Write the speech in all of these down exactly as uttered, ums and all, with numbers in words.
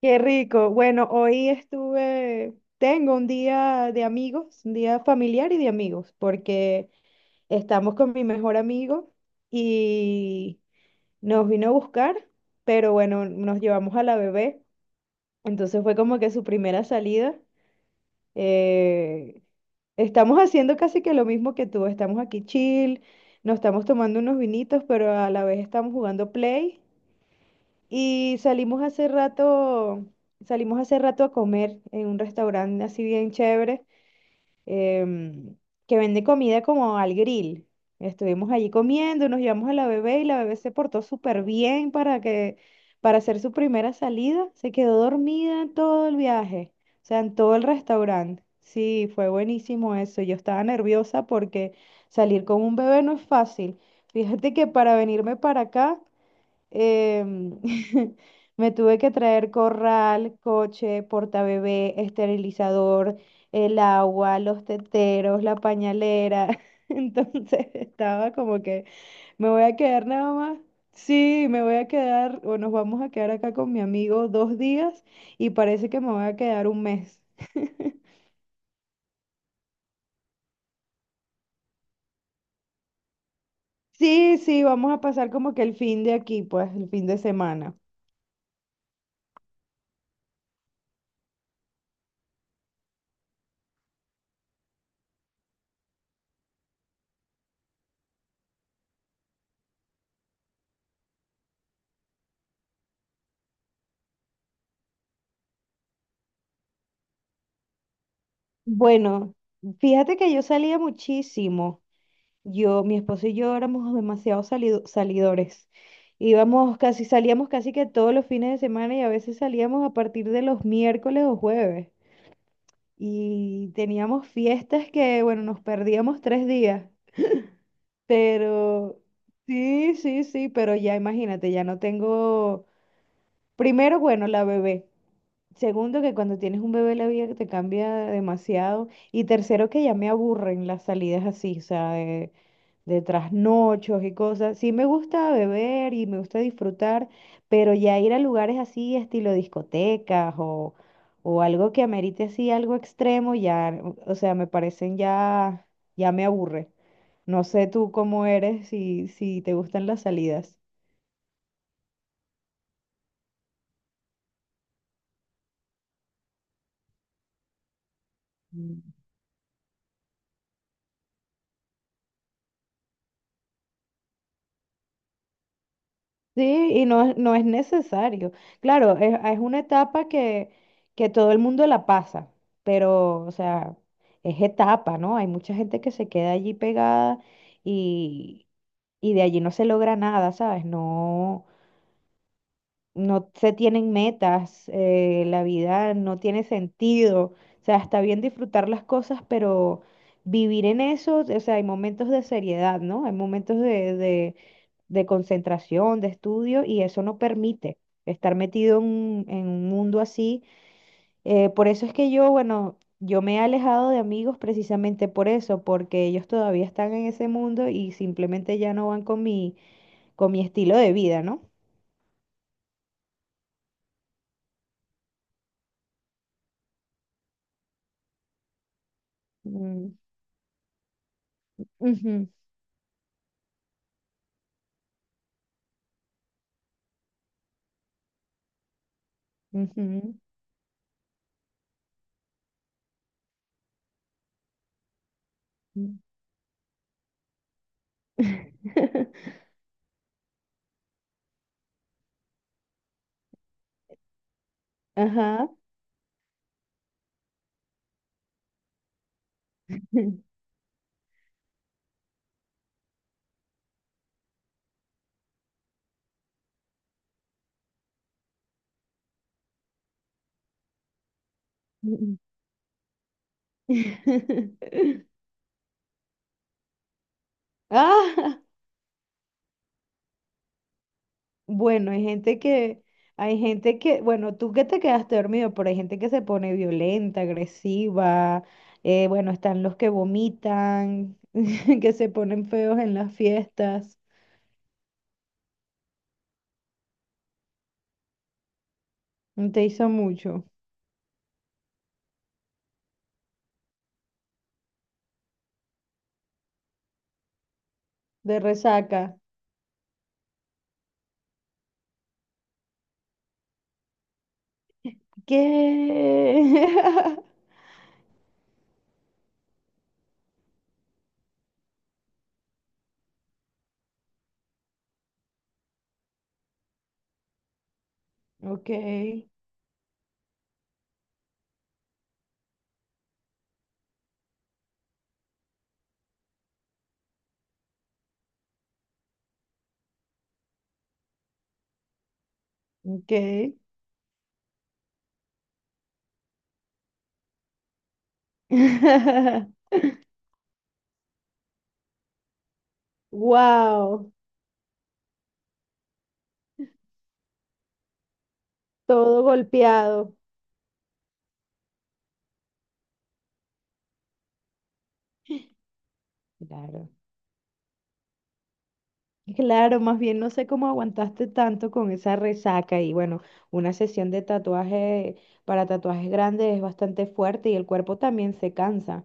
Qué rico. Bueno, hoy estuve, tengo un día de amigos, un día familiar y de amigos, porque estamos con mi mejor amigo y nos vino a buscar, pero bueno, nos llevamos a la bebé, entonces fue como que su primera salida. Eh, Estamos haciendo casi que lo mismo que tú, estamos aquí chill, nos estamos tomando unos vinitos, pero a la vez estamos jugando play y salimos hace rato, salimos hace rato a comer en un restaurante así bien chévere, em, que vende comida como al grill. Estuvimos allí comiendo, nos llevamos a la bebé y la bebé se portó súper bien para que, para hacer su primera salida. Se quedó dormida en todo el viaje, o sea, en todo el restaurante. Sí, fue buenísimo eso. Yo estaba nerviosa porque salir con un bebé no es fácil. Fíjate que para venirme para acá em, me tuve que traer corral, coche, portabebé, esterilizador, el agua, los teteros, la pañalera. Entonces estaba como que me voy a quedar nada más. Sí, me voy a quedar o nos vamos a quedar acá con mi amigo dos días y parece que me voy a quedar un mes. Sí, sí, vamos a pasar como que el fin de aquí, pues el fin de semana. Bueno, fíjate que yo salía muchísimo. Yo, mi esposo y yo éramos demasiado salido- salidores. Íbamos casi, salíamos casi que todos los fines de semana y a veces salíamos a partir de los miércoles o jueves. Y teníamos fiestas que, bueno, nos perdíamos tres días. Pero, sí, sí, sí, pero ya imagínate, ya no tengo, primero, bueno, la bebé. Segundo, que cuando tienes un bebé la vida te cambia demasiado. Y tercero, que ya me aburren las salidas así, o sea, de trasnochos y cosas. Sí me gusta beber y me gusta disfrutar, pero ya ir a lugares así, estilo discotecas o, o algo que amerite así algo extremo, ya, o sea, me parecen ya, ya me aburre. No sé tú cómo eres, si, si te gustan las salidas. Sí, y no, es- no es necesario. Claro, es, es una etapa que, que todo el mundo la pasa, pero, o sea, es etapa, ¿no? Hay mucha gente que se queda allí pegada y, y de allí no se logra nada, ¿sabes? No, no se tienen metas, eh, la vida no tiene sentido. O sea, está bien disfrutar las cosas, pero vivir en eso, o sea, hay momentos de seriedad, ¿no? Hay momentos de, de de concentración, de estudio, y eso no permite estar metido en, un en un mundo así. Eh, por eso es que yo, bueno, yo me he alejado de amigos precisamente por eso, porque ellos todavía están en ese mundo y simplemente ya no van con mi, con mi estilo de vida, ¿no? Mm, ujú, ujú, mm. Ajá. Ah, Bueno, hay gente que, hay gente que, bueno, tú que te quedaste dormido, pero hay gente que se pone violenta, agresiva, eh, bueno, están los que vomitan, que se ponen feos en las fiestas. Te hizo mucho, de resaca. ¿Qué? Ok, ok. Wow, todo golpeado. Claro. Claro, más bien no sé cómo aguantaste tanto con esa resaca y bueno, una sesión de tatuaje para tatuajes grandes es bastante fuerte y el cuerpo también se cansa.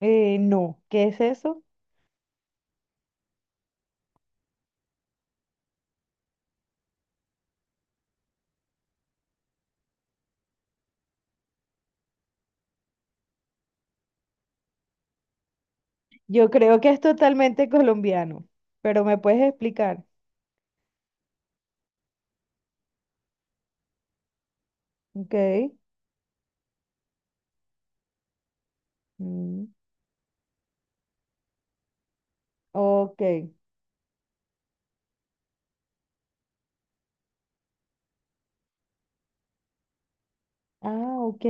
Eh, no, ¿qué es eso? Yo creo que es totalmente colombiano, pero ¿me puedes explicar? Ok, mm, ok, ah, ok,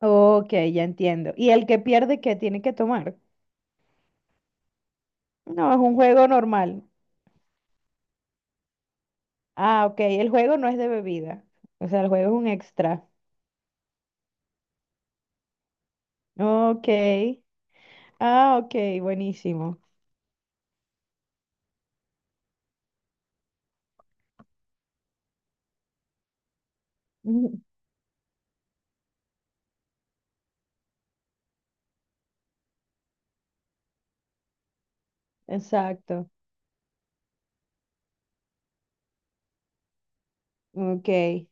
ok, ya entiendo. ¿Y el que pierde qué tiene que tomar? No, es un juego normal. Ah, ok, el juego no es de bebida, o sea, el juego es un extra. Ok. Ah, ok, buenísimo. Ujú, exacto. Ok.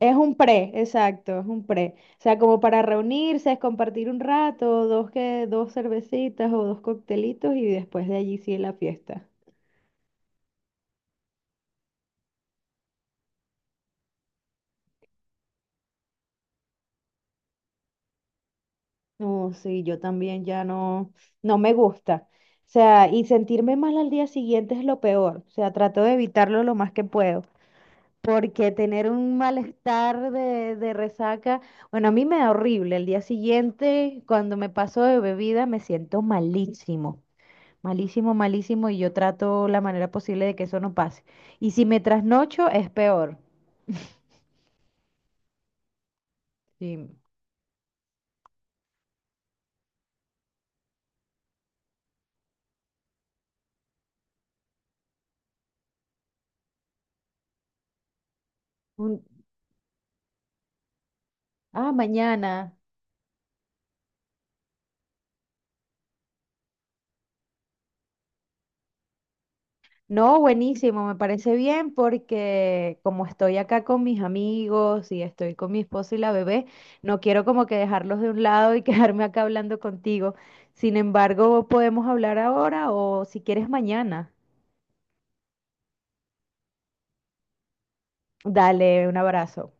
Es un pre, exacto, es un pre. O sea, como para reunirse, es compartir un rato, dos que, dos cervecitas o dos coctelitos y después de allí sí la fiesta. No, sí, yo también ya no, no me gusta. O sea, y sentirme mal al día siguiente es lo peor. O sea, trato de evitarlo lo más que puedo. Porque tener un malestar de, de resaca, bueno, a mí me da horrible. El día siguiente, cuando me paso de bebida, me siento malísimo, malísimo, malísimo, y yo trato la manera posible de que eso no pase. Y si me trasnocho, es peor. Sí. Un- ah, mañana. No, buenísimo, me parece bien porque como estoy acá con mis amigos y estoy con mi esposo y la bebé, no quiero como que dejarlos de un lado y quedarme acá hablando contigo. Sin embargo, podemos hablar ahora o si quieres mañana. Dale, un abrazo.